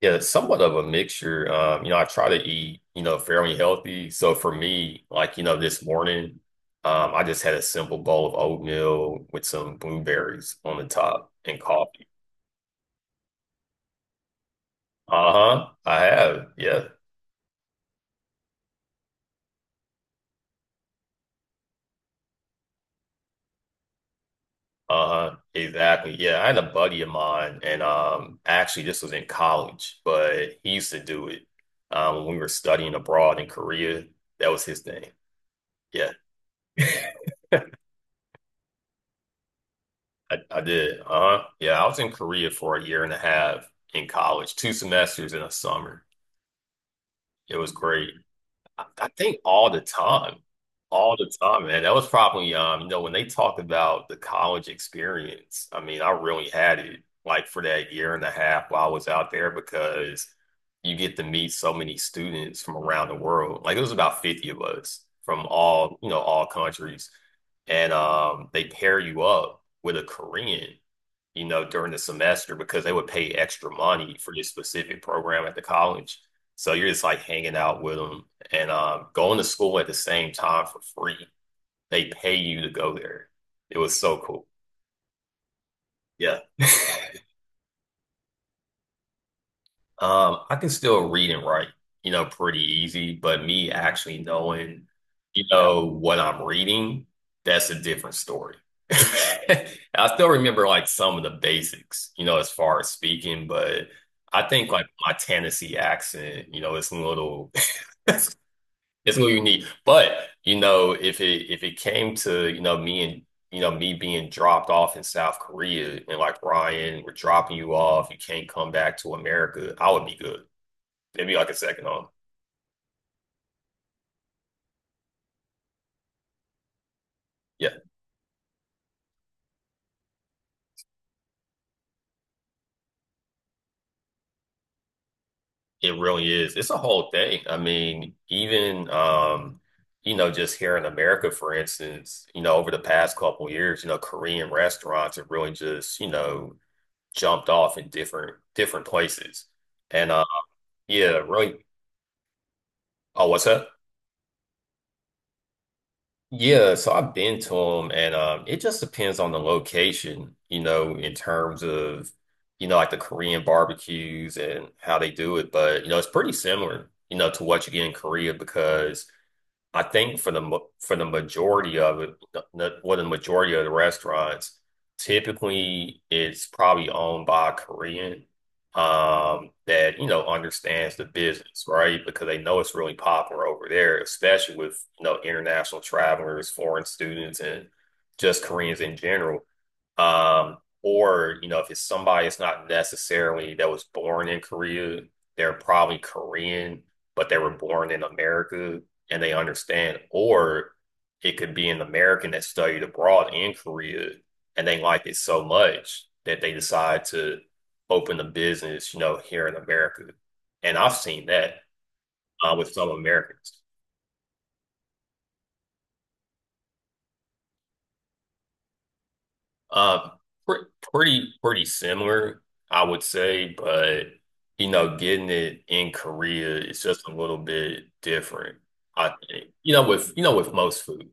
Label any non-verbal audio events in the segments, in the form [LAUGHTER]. Yeah, it's somewhat of a mixture. You know, I try to eat, you know, fairly healthy. So for me, like, you know, this morning, I just had a simple bowl of oatmeal with some blueberries on the top and coffee. Uh-huh. I have. Yeah. Uh-huh. Exactly. Yeah. I had a buddy of mine and actually this was in college, but he used to do it when we were studying abroad in Korea. That was his thing. Yeah. [LAUGHS] I did. Uh-huh. Yeah, I was in Korea for a year and a half in college, two semesters in a summer. It was great. I think all the time, man. That was probably, you know, when they talked about the college experience. I mean, I really had it like for that year and a half while I was out there because you get to meet so many students from around the world. Like it was about 50 of us from all, you know, all countries. And They pair you up with a Korean, you know, during the semester because they would pay extra money for this specific program at the college. So you're just like hanging out with them and going to school at the same time for free. They pay you to go there. It was so cool. Yeah. [LAUGHS] I can still read and write, you know, pretty easy, but me actually knowing, you know, what I'm reading, that's a different story. [LAUGHS] I still remember like some of the basics, you know, as far as speaking, but I think like my Tennessee accent, you know, it's a little [LAUGHS] it's It's gonna be unique. But you know, if it came to, you know, me and you know, me being dropped off in South Korea and like Ryan, we're dropping you off, you can't come back to America, I would be good. Maybe like a second on. Yeah, it really is. It's a whole thing. I mean, even you know, just here in America, for instance, you know, over the past couple years, you know, Korean restaurants have really just, you know, jumped off in different places. And yeah, really oh, what's that? Yeah, so I've been to them, and it just depends on the location, you know, in terms of, you know, like the Korean barbecues and how they do it. But, you know, it's pretty similar, you know, to what you get in Korea because I think for the majority of it, the majority of the restaurants, typically it's probably owned by a Korean that you know understands the business, right? Because they know it's really popular over there, especially with you know international travelers, foreign students, and just Koreans in general. Or, you know, if it's somebody it's not necessarily that was born in Korea, they're probably Korean, but they were born in America and they understand. Or it could be an American that studied abroad in Korea and they like it so much that they decide to open a business, you know, here in America. And I've seen that with some Americans. Uh, pretty similar, I would say, but you know, getting it in Korea is just a little bit different, I think. You know, with most food.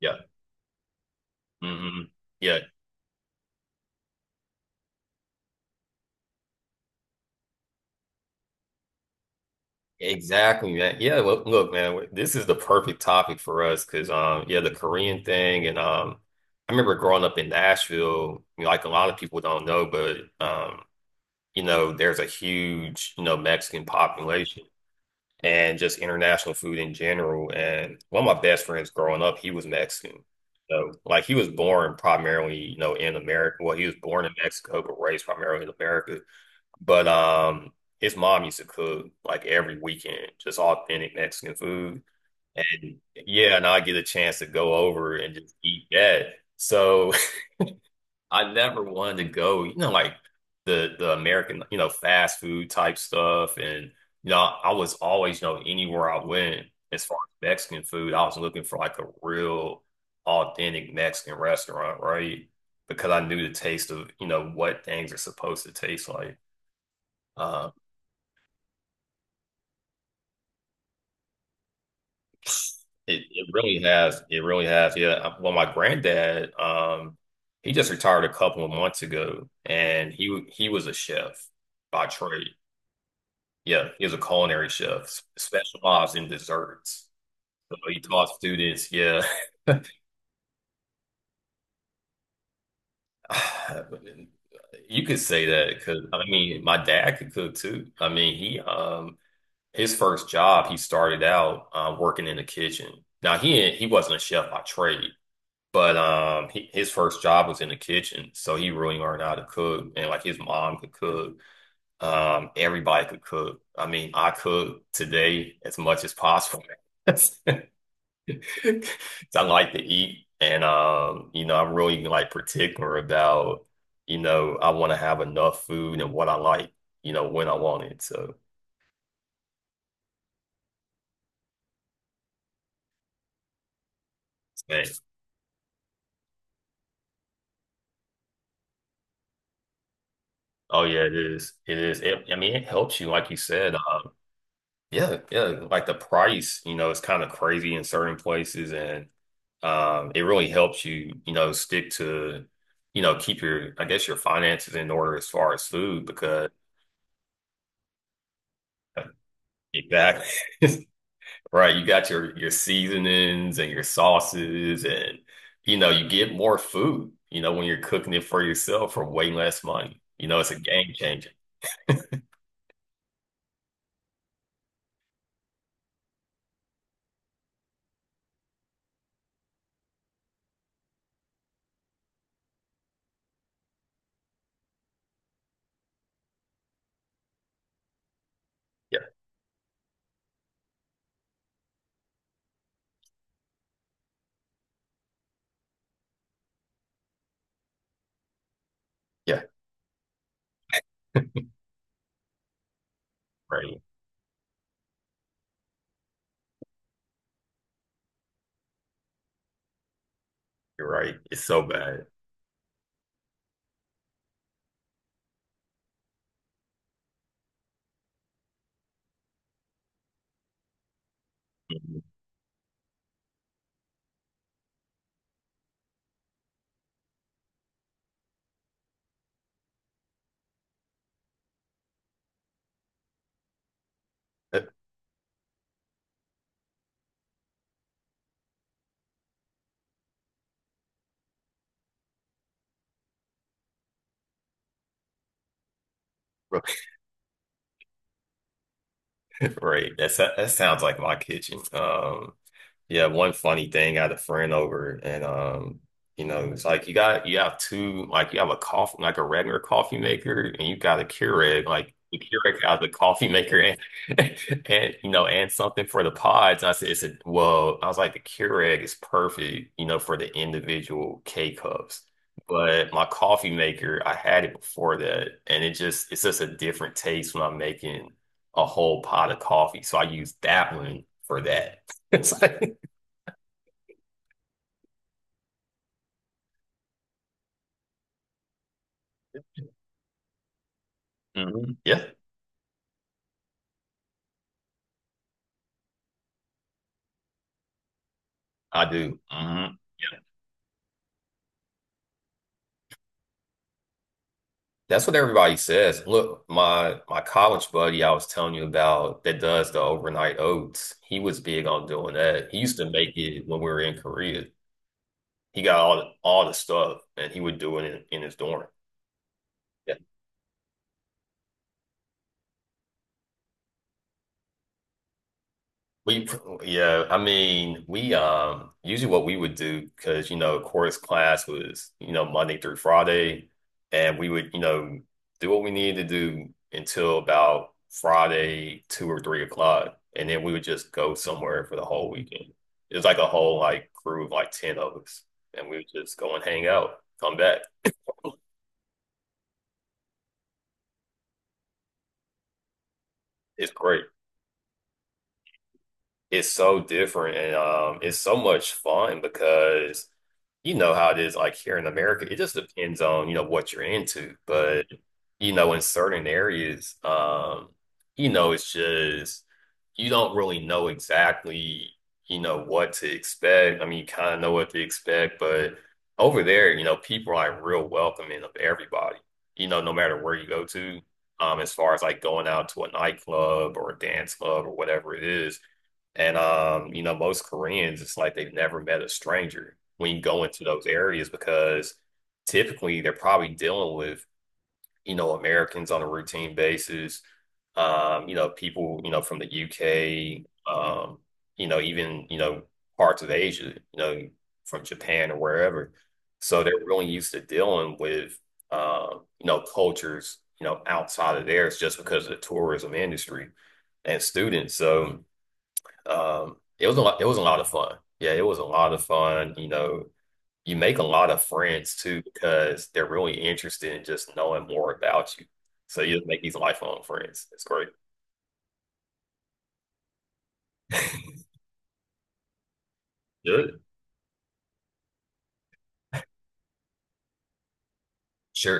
Yeah. Hmm. Yeah. Exactly, man. Yeah, look, man, this is the perfect topic for us because yeah, the Korean thing and I remember growing up in Nashville, you know, like a lot of people don't know, but you know, there's a huge, you know, Mexican population. And just international food in general. And one of my best friends growing up, he was Mexican. So, like, he was born primarily, you know, in America. Well, he was born in Mexico, but raised primarily in America. But his mom used to cook like every weekend, just authentic Mexican food. And yeah, and I get a chance to go over and just eat that. So I never wanted to go, you know, like the American, you know, fast food type stuff. And, you know, I was always, you know, anywhere I went, as far as Mexican food, I was looking for like a real authentic Mexican restaurant, right? Because I knew the taste of, you know, what things are supposed to taste like. Uh, it, it really has. It really has. Yeah. I- Well, my granddad, he just retired a couple of months ago, and he was a chef by trade. Yeah, he was a culinary chef, specialized in desserts. So he taught students. Yeah, [SIGHS] you could say that because I mean, my dad could cook too. I mean, he his first job he started out working in the kitchen. Now he wasn't a chef by trade, but his first job was in the kitchen, so he really learned how to cook. And like his mom could cook, everybody could cook. I mean, I cook today as much as possible. [LAUGHS] [LAUGHS] 'Cause I like to eat, and you know, I'm really like particular about, you know, I want to have enough food and what I like, you know, when I want it. So, man. Oh yeah, it is. It is. It, I mean, it helps you, like you said. Yeah, yeah. Like the price, you know, it's kind of crazy in certain places, and it really helps you, you know, stick to, you know, keep your, I guess, your finances in order as far as food because yeah, exactly. [LAUGHS] Right, you got your seasonings and your sauces and you know, you get more food, you know, when you're cooking it for yourself for way less money. You know, it's a game changer. Yeah, yeah, right. You're right. It's so bad. Mhm. [LAUGHS] Right. That sounds like my kitchen. Yeah, one funny thing, I had a friend over and you know, it's like you have two like you have a coffee like a regular coffee maker and you got a Keurig, like the Keurig has a coffee maker and [LAUGHS] and you know, and something for the pods. And I said, I was like, the Keurig is perfect, you know, for the individual K cups. But my coffee maker, I had it before that, and it's just a different taste when I'm making a whole pot of coffee. So I use that one for that. [LAUGHS] It's like Mhm. Yeah, I do. Hmm. Yeah. That's what everybody says. Look, my college buddy I was telling you about that does the overnight oats. He was big on doing that. He used to make it when we were in Korea. He got all the stuff and he would do it in his dorm. Yeah. Yeah, I mean, we, usually what we would do, because, you know, chorus class was, you know, Monday through Friday, and we would, you know, do what we needed to do until about Friday, 2 or 3 o'clock. And then we would just go somewhere for the whole weekend. It was like a whole, like, crew of like 10 of us, and we would just go and hang out, come back. It's great. It's so different and it's so much fun because you know how it is like here in America. It just depends on, you know, what you're into. But, you know, in certain areas, you know, it's just you don't really know exactly, you know, what to expect. I mean, you kind of know what to expect, but over there, you know, people are like real welcoming of everybody, you know, no matter where you go to, as far as like going out to a nightclub or a dance club or whatever it is. And you know, most Koreans, it's like they've never met a stranger when you go into those areas because typically they're probably dealing with, you know, Americans on a routine basis, you know, people, you know, from the UK, um, you know, even, you know, parts of Asia, you know, from Japan or wherever. So they're really used to dealing with you know, cultures, you know, outside of theirs just because of the tourism industry and students. So it was a lot, it was a lot of fun. Yeah, it was a lot of fun. You know, you make a lot of friends too because they're really interested in just knowing more about you. So you just make these lifelong friends. It's great. Good. Sure.